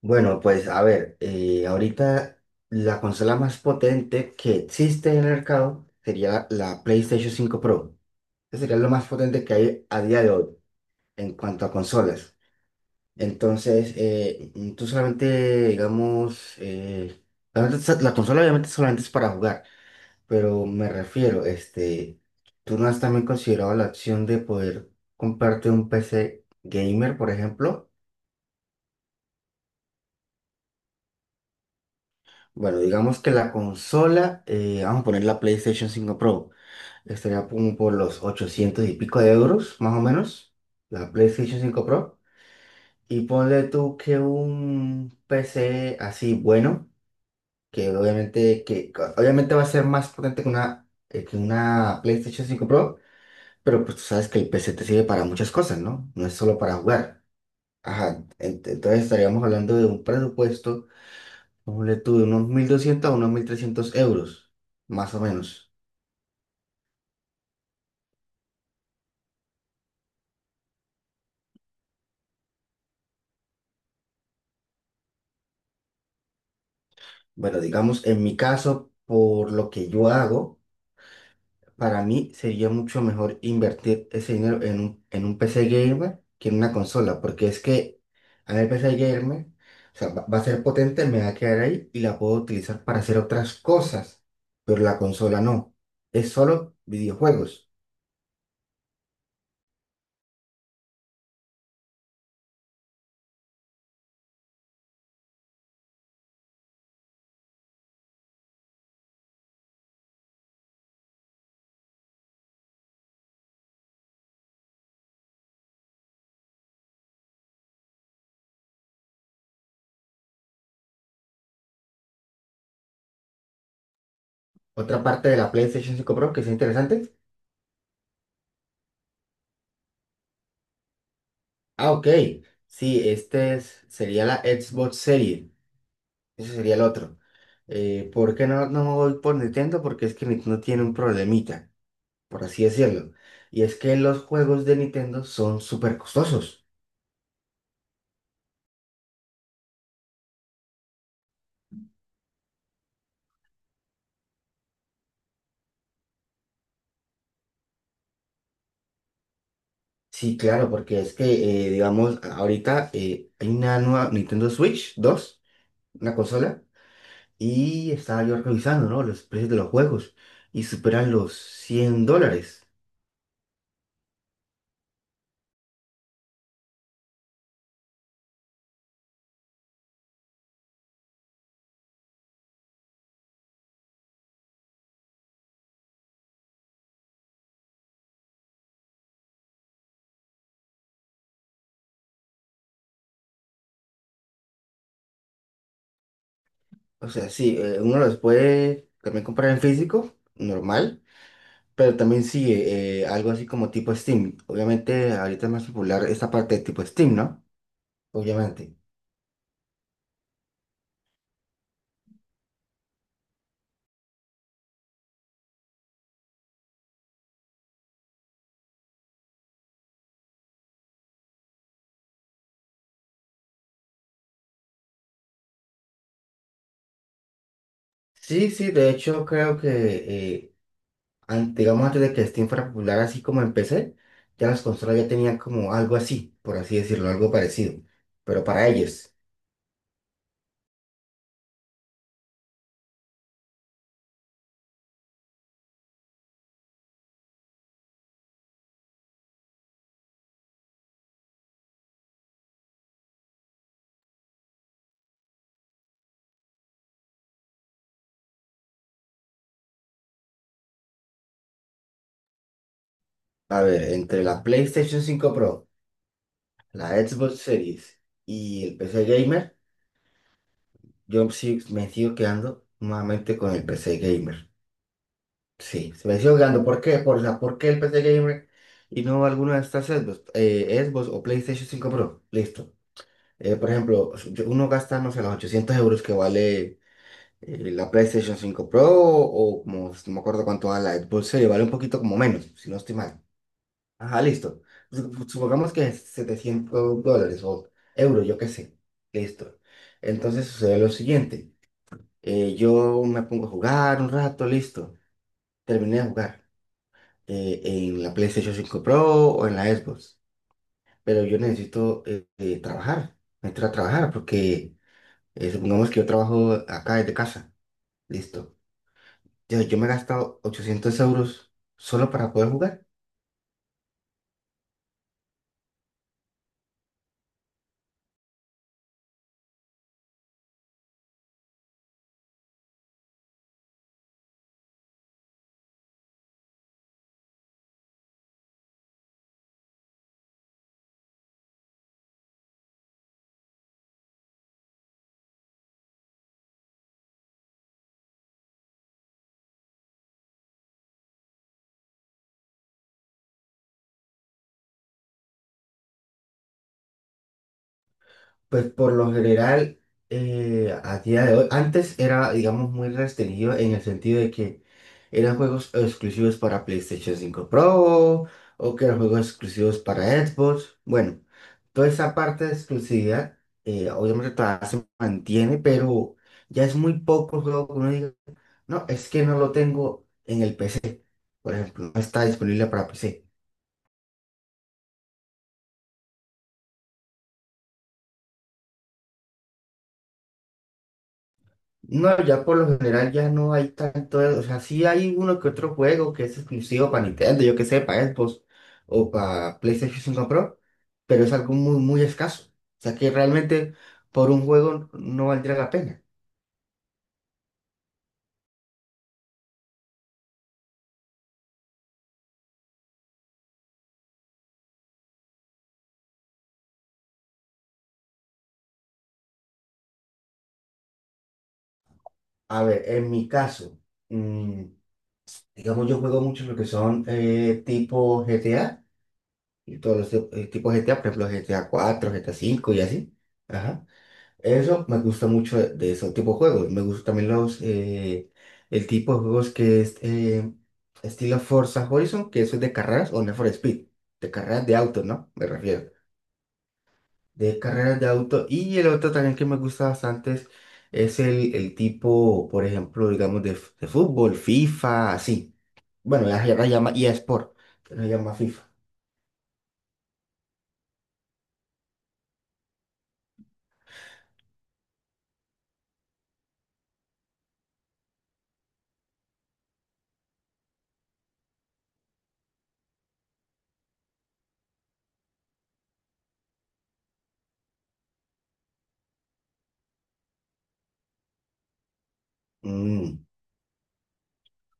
Bueno, pues a ver, ahorita la consola más potente que existe en el mercado sería la PlayStation 5 Pro. Esa sería lo más potente que hay a día de hoy en cuanto a consolas. Entonces, tú solamente, digamos, obviamente la consola obviamente solamente es para jugar, pero me refiero, este, ¿tú no has también considerado la opción de poder comprarte un PC gamer, por ejemplo? Bueno, digamos que la consola, vamos a poner la PlayStation 5 Pro, estaría como por los 800 y pico de euros, más o menos, la PlayStation cinco Pro. Y ponle tú que un PC así bueno, que obviamente, obviamente va a ser más potente que una PlayStation 5 Pro, pero pues tú sabes que el PC te sirve para muchas cosas, ¿no? No es solo para jugar. Ajá, entonces estaríamos hablando de un presupuesto ponle tú de unos 1.200 a unos 1.300 euros, más o menos. Bueno, digamos, en mi caso, por lo que yo hago, para mí sería mucho mejor invertir ese dinero en un PC gamer que en una consola, porque es que a mí el PC gamer, o sea, va a ser potente, me va a quedar ahí y la puedo utilizar para hacer otras cosas, pero la consola no. Es solo videojuegos. Otra parte de la PlayStation 5 Pro que es interesante. Ah, ok. Sí, este sería la Xbox Series. Ese sería el otro. ¿Por qué no me voy por Nintendo? Porque es que Nintendo tiene un problemita, por así decirlo. Y es que los juegos de Nintendo son súper costosos. Sí, claro, porque es que, digamos, ahorita hay una nueva Nintendo Switch 2, una consola, y estaba yo revisando, ¿no? Los precios de los juegos y superan los $100. O sea, sí, uno los puede también comprar en físico, normal, pero también sí, algo así como tipo Steam. Obviamente, ahorita es más popular esta parte de tipo Steam, ¿no? Obviamente. Sí, sí, de hecho creo que, eh, digamos, antes de que Steam fuera popular así como en PC, ya las consolas ya tenían como algo así, por así decirlo, algo parecido, pero para ellos. A ver, entre la PlayStation 5 Pro, la Xbox Series y el PC Gamer. Yo sí me sigo quedando nuevamente con el PC Gamer. Sí, se me sigo quedando. ¿Por qué? ¿Por qué el PC Gamer y no alguna de estas Xbox o PlayStation 5 Pro? Listo. Por ejemplo, uno gasta, no sé, los 800 euros que vale la PlayStation 5 Pro o, como, no me acuerdo cuánto vale la Xbox Series, vale un poquito como menos, si no estoy mal. Ajá, listo. Supongamos que es $700 o euros, yo qué sé. Listo. Entonces sucede lo siguiente. Yo me pongo a jugar un rato, listo. Terminé de jugar en la PlayStation 5 Pro o en la Xbox. Pero yo necesito trabajar, entrar a trabajar porque supongamos que yo trabajo acá desde casa, listo. Yo me he gastado 800 euros solo para poder jugar. Pues por lo general, a día de hoy, antes era, digamos, muy restringido en el sentido de que ¿eran juegos exclusivos para PlayStation 5 Pro o que eran juegos exclusivos para Xbox? Bueno, toda esa parte de exclusividad, obviamente todavía se mantiene, pero ya es muy poco el juego que uno diga, no, es que no lo tengo en el PC, por ejemplo, no está disponible para PC. No, ya por lo general ya no hay tanto, o sea, sí hay uno que otro juego que es exclusivo para Nintendo, yo que sé, para Xbox o para PlayStation 5 Pro, pero es algo muy, muy escaso. O sea, que realmente por un juego no valdría la pena. A ver, en mi caso, mm, digamos, yo juego mucho lo que son tipo GTA y todos los tipos GTA, por ejemplo, GTA 4, GTA 5 y así. Ajá. Eso me gusta mucho de ese tipo de juegos. Me gustan también el tipo de juegos que es estilo Forza Horizon, que eso es de carreras o Need for Speed, de carreras de autos, ¿no? Me refiero. De carreras de auto. Y el otro también que me gusta bastante es el tipo, por ejemplo, digamos, de fútbol, FIFA, así. Bueno, ya, ya la llama eSport, pero se llama FIFA. Mm.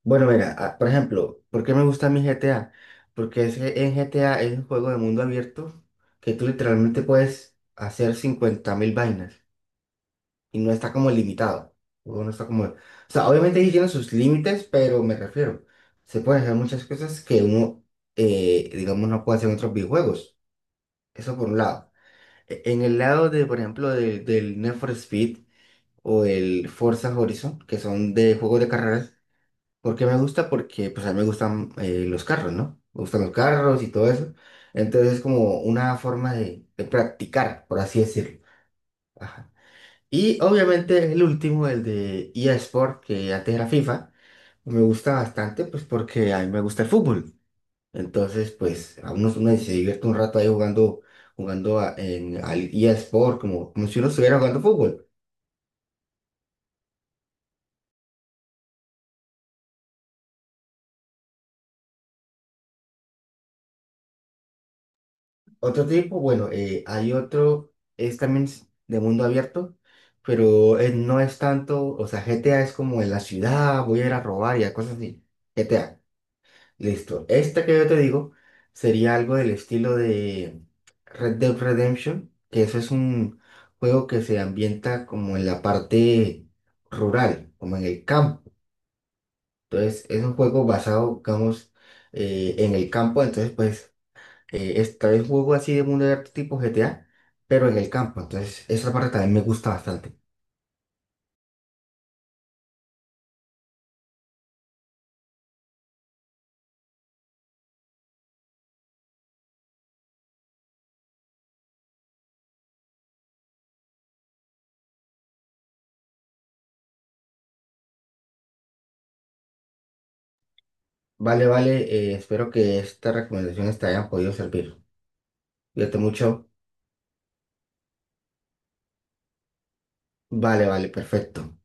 Bueno, mira, ah, por ejemplo, ¿por qué me gusta mi GTA? Porque es que en GTA es un juego de mundo abierto que tú literalmente puedes hacer 50.000 vainas y no está como limitado. El juego no está como. O sea, obviamente sí tiene sus límites, pero me refiero, se pueden hacer muchas cosas que uno, digamos, no puede hacer en otros videojuegos. Eso por un lado. En el lado de, por ejemplo, del Need for Speed o el Forza Horizon, que son de juegos de carreras, ¿por qué me gusta? Porque pues a mí me gustan los carros, ¿no? Me gustan los carros y todo eso. Entonces es como una forma de practicar, por así decirlo. Ajá. Y obviamente el último, el de EA Sport, que antes era FIFA, me gusta bastante pues porque a mí me gusta el fútbol. Entonces pues uno se divierte un rato ahí jugando al EA Sport, como si uno estuviera jugando fútbol. Otro tipo, bueno, hay otro, es también de mundo abierto, pero no es tanto, o sea, GTA es como en la ciudad, voy a ir a robar y a cosas así. GTA, listo. Este que yo te digo sería algo del estilo de Red Dead Redemption, que eso es un juego que se ambienta como en la parte rural, como en el campo. Entonces, es un juego basado, digamos, en el campo, entonces, pues está el juego así de mundo abierto tipo GTA, pero en el campo. Entonces, esa parte también me gusta bastante. Vale, vale, espero que estas recomendaciones te hayan podido servir. Cuídate mucho. Vale, vale, perfecto.